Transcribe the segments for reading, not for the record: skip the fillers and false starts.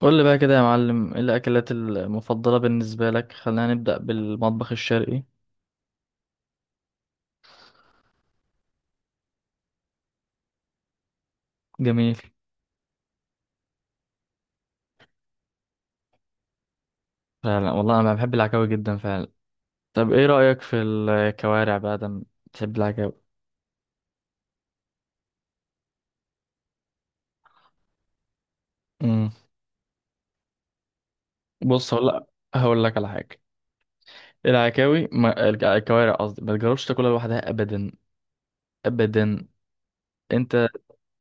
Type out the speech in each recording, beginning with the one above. قول لي بقى كده يا معلم، ايه الاكلات المفضله بالنسبه لك؟ خلينا نبدا بالمطبخ الشرقي. جميل. فعلا والله انا بحب العكاوي جدا فعلا. طب ايه رايك في الكوارع بقى؟ ده بتحب العكاوي. امم. بص هقول لك. هقول لك على حاجه. العكاوي ما... الك- الكوارع قصدي، ما تجربش تاكلها لوحدها ابدا. ابدا. انت.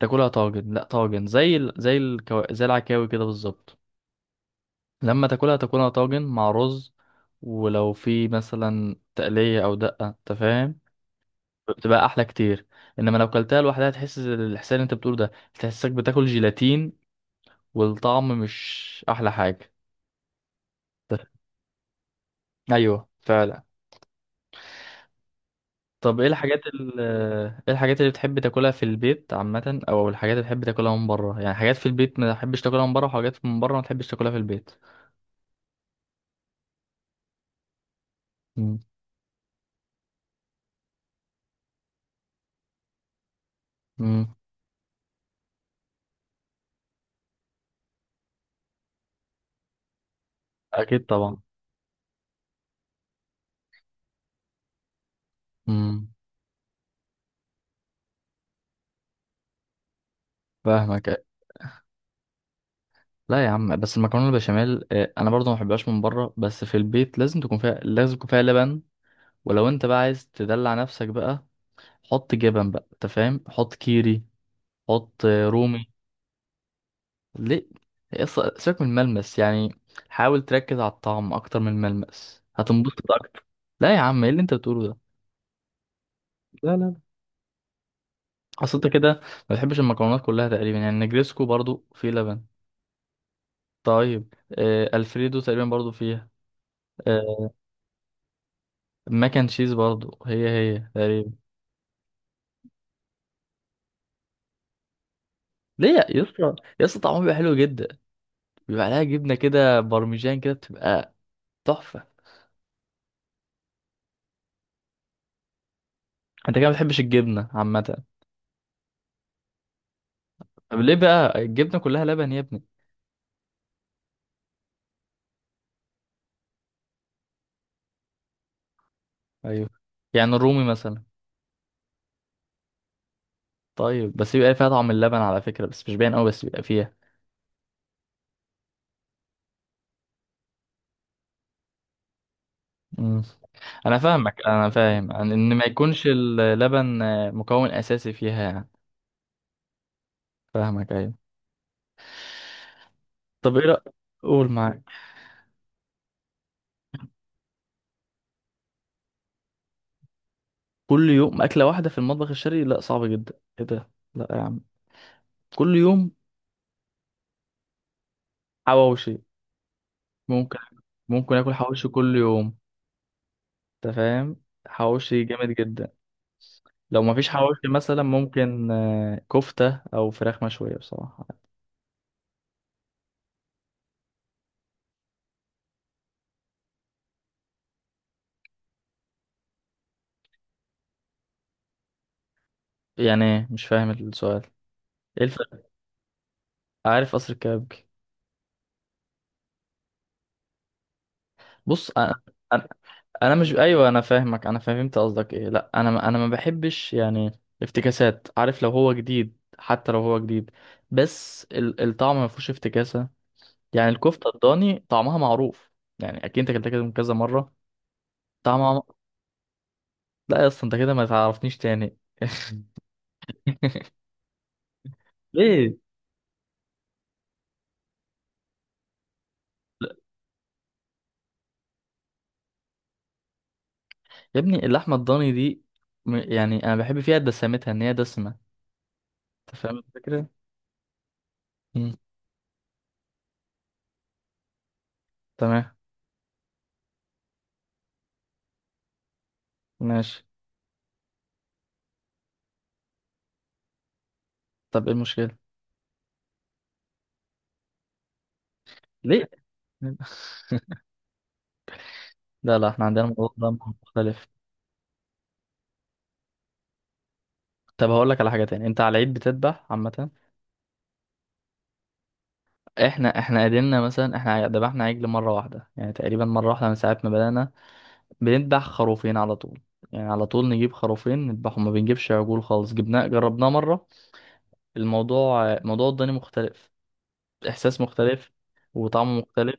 تاكلها طاجن. لا طاجن زي ال... زي الكو... زي العكاوي كده بالظبط. لما تاكلها طاجن مع رز. ولو في مثلا تقليه او دقه، انت فاهم. بتبقى احلى كتير. انما لو كلتها لوحدها تحس الاحساس اللي انت بتقوله ده، تحسك بتاكل جيلاتين، والطعم مش احلى حاجه. ايوه فعلا. طب ايه الحاجات ال ايه الحاجات اللي بتحب تاكلها في البيت عامه، او الحاجات اللي بتحب تاكلها من بره؟ يعني حاجات في البيت ما تحبش تاكلها من بره، وحاجات من بره ما تحبش تاكلها في البيت. امم. أمم. اكيد طبعا. امم. فاهمك. لا يا عم بس المكرونه البشاميل، انا برضه ما بحبهاش من بره، بس في البيت لازم يكون فيها لبن. ولو انت بقى عايز تدلع نفسك بقى، حط جبن بقى، انت فاهم، حط كيري، حط رومي. ليه؟ سيبك من الملمس يعني. حاول تركز على الطعم اكتر من الملمس، هتنبسط اكتر. لا يا عم، ايه اللي انت بتقوله ده؟ لا لا. اصل انت كده ما بتحبش المكرونات كلها تقريبا. يعني نجريسكو برضو فيه لبن. طيب، الفريدو تقريبا برضو فيها. آه. ماك اند تشيز برضو هي تقريبا. ليه يا اسطى؟ يا اسطى طعمه بيبقى حلو جدا. بيبقى عليها جبنه كده، بارميجان كده، بتبقى تحفه. انت كده ما بتحبش الجبنه عامه. طب ليه بقى الجبنة كلها لبن يا ابني؟ ايوه. يعني الرومي مثلا. طيب بس بيبقى فيها طعم اللبن على فكرة، بس مش باين قوي، بس بيبقى فيها. مم. انا فاهمك، انا فاهم إن ما يكونش اللبن مكون اساسي فيها يعني. فاهمك ايوه. طب ايه رأيك. قول معاك. كل يوم اكلة واحدة في المطبخ الشرقي؟ لا صعب جدا. ايه ده؟ لا يا عم. كل يوم. حواوشي. ممكن ممكن اكل حواوشي كل يوم. انت فاهم. حواوشي جامد جدا. لو مفيش حواوشي مثلا ممكن كفتة أو فراخ مشوية بصراحة. يعني إيه؟ مش فاهم السؤال. إيه الفرق؟ عارف قصر الكبابجي. بص أنا. أنا أنا مش أيوه، أنا فاهمك، أنا فهمت قصدك إيه. لأ أنا ما بحبش يعني افتكاسات، عارف، لو هو جديد، حتى لو هو جديد، بس الطعم ما فيهوش افتكاسة. يعني الكفتة الضاني طعمها معروف. يعني أكيد أنت أكلتها كده من كذا مرة. طعمها. لا يا أسطى، أنت كده ما تعرفنيش تاني. ليه يا ابني اللحمة الضاني دي؟ يعني أنا بحب فيها دسمتها، إن هي دسمة. أنت فاهم الفكرة؟ مم. تمام ماشي. طب إيه المشكلة؟ ليه؟ لا لا، احنا عندنا الموضوع ده مختلف. طب هقول لك على حاجة تاني، أنت على العيد بتذبح عامة؟ احنا قدرنا مثلا، احنا ذبحنا عجل مرة واحدة، يعني تقريبا مرة واحدة من ساعة ما بدأنا. بنذبح خروفين على طول. يعني على طول نجيب خروفين نذبحهم، ما بنجيبش عجول خالص، جبناه جربناه مرة. الموضوع موضوع الضاني مختلف. إحساس مختلف. وطعمه مختلف.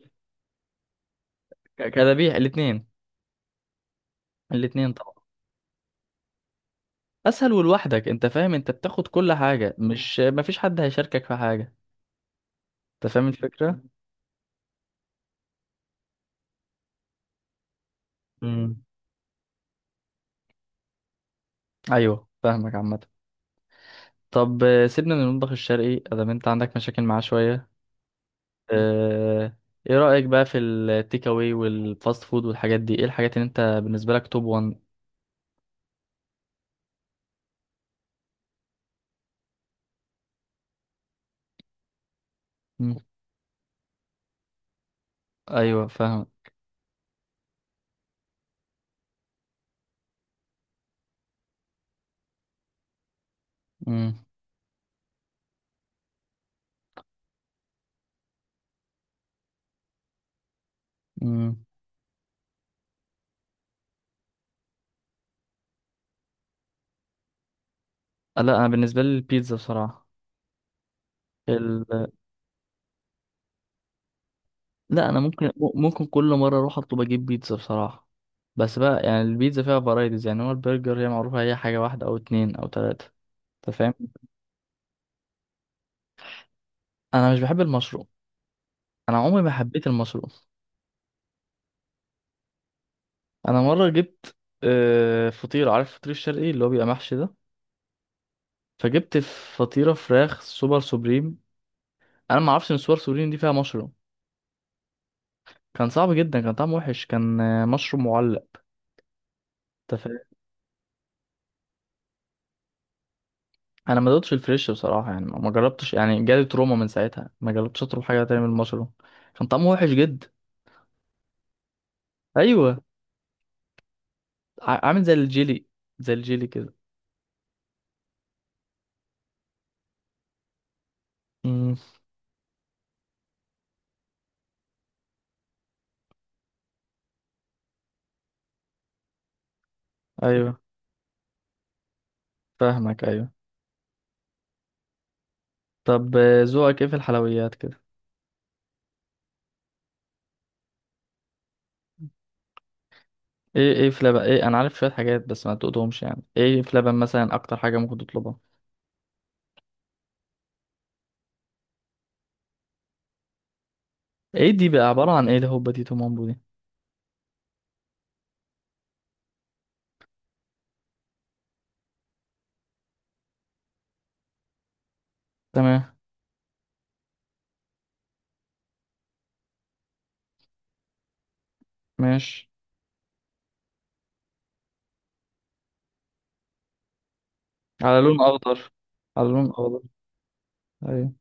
كذبيح الاثنين. الاثنين طبعا. اسهل ولوحدك، انت فاهم، انت بتاخد كل حاجه، مش مفيش حد هيشاركك في حاجه. انت فاهم الفكره. امم. ايوه فاهمك عامه. طب، سيبنا من المطبخ الشرقي ادام انت عندك مشاكل معاه شويه. آه، ايه رايك بقى في التيك اواي والفاست فود والحاجات دي؟ ايه الحاجات اللي انت بالنسبه لك توب 1؟ ايوه فاهم. امم. امم. لا انا بالنسبه لي البيتزا بصراحه. لا انا ممكن كل مره اروح اطلب اجيب بيتزا بصراحه. بس بقى يعني البيتزا فيها فرايتيز، يعني هو البرجر هي معروفه، هي حاجه واحده او اتنين او تلاته، انت فاهم. انا مش بحب المشروم. انا عمري ما حبيت المشروم. انا مره جبت فطيره، عارف الفطير الشرقي اللي هو بيبقى محشي ده. فجبت فطيره فراخ سوبر سوبريم. انا ما اعرفش ان سوبر سوبريم دي فيها مشروم. كان صعب جدا، كان طعمه وحش، كان مشروم معلق. انت فاهم. انا ما دقتش الفريش بصراحه، يعني ما جربتش، يعني جالي تروما من ساعتها، ما جربتش اطلب حاجه تاني من المشروم. كان طعمه وحش جدا. ايوه. عامل زي الجيلي، زي الجيلي كده. امم. ايوه فاهمك ايوه. طب، ذوقك ايه في الحلويات كده؟ ايه في لبن، ايه انا عارف شويه حاجات بس ما تقولهمش؟ يعني ايه في لبن مثلا اكتر حاجه ممكن تطلبها؟ ايه دي بقى، عباره عن ايه الهوبا دي تومامبو دي؟ تمام ماشي. على لون اخضر. على لون اخضر. ايوه.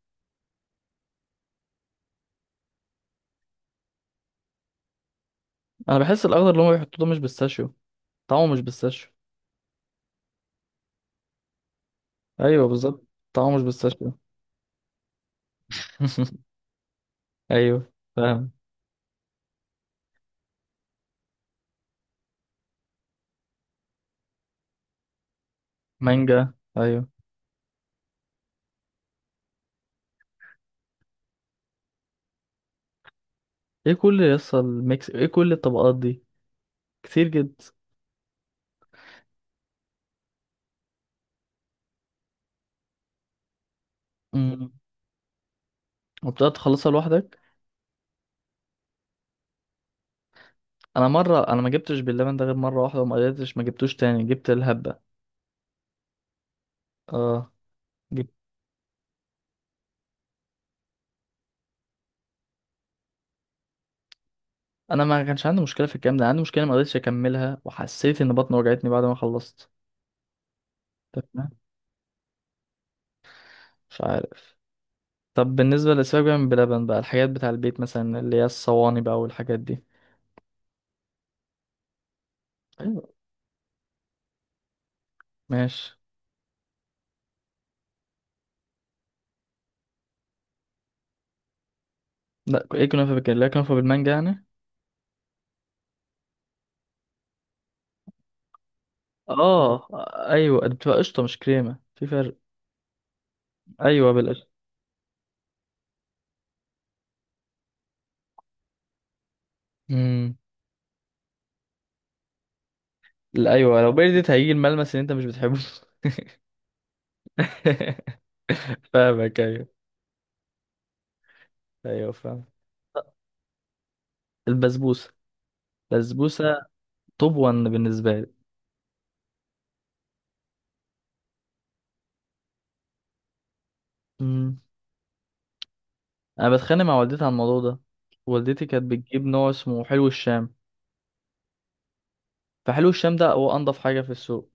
انا بحس الاخضر اللي هم بيحطوه ده مش بيستاشيو. طعمه مش بيستاشيو. ايوه بالظبط. طعمه مش بيستاشيو. ايوه فاهم. مانجا ايوه. ايه كل الطبقات دي؟ كتير جدا. امم. وبتقعد تخلصها لوحدك. انا مره، انا ما جبتش باللبن ده غير مره واحده، وما قدرتش، ما جبتوش تاني، جبت الهبه. اه. جبت. انا ما كانش عندي مشكله في الكلام ده، عندي مشكله ما قدرتش اكملها، وحسيت ان بطني وجعتني بعد ما خلصت. تمام. مش عارف. طب بالنسبه للاسباب بقى من بلبن بقى، الحاجات بتاع البيت مثلا اللي هي الصواني بقى والحاجات دي. ايوه ماشي. لا ايه كنافه بالكريمه؟ لا كنافه بالمانجا يعني. اه. ايوه دي بتبقى قشطه مش كريمه، في فرق. ايوه بالقشطه. امم. لا ايوه، لو بردت هيجي الملمس اللي انت مش بتحبه. فاهمك ايوه. ايوه فاهم. البسبوسه. البسبوسه. توب وان بالنسبه لي. امم. انا بتخانق مع والدتي على الموضوع ده. والدتي كانت بتجيب نوع اسمه حلو الشام. فحلو الشام ده هو انضف حاجه في السوق.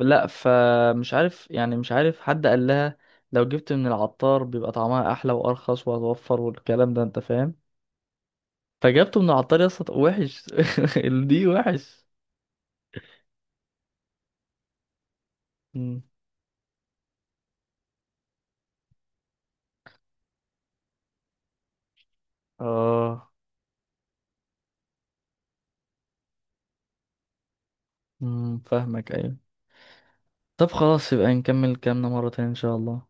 لا فمش عارف، يعني مش عارف حد قال لها لو جبت من العطار بيبقى طعمها احلى وارخص وهتوفر والكلام ده، انت فاهم. فجبته من العطار يا اسطى وحش. دي وحش. مم. اه مم، فاهمك ايوه. طب خلاص يبقى نكمل كلامنا مرة تانية ان شاء الله.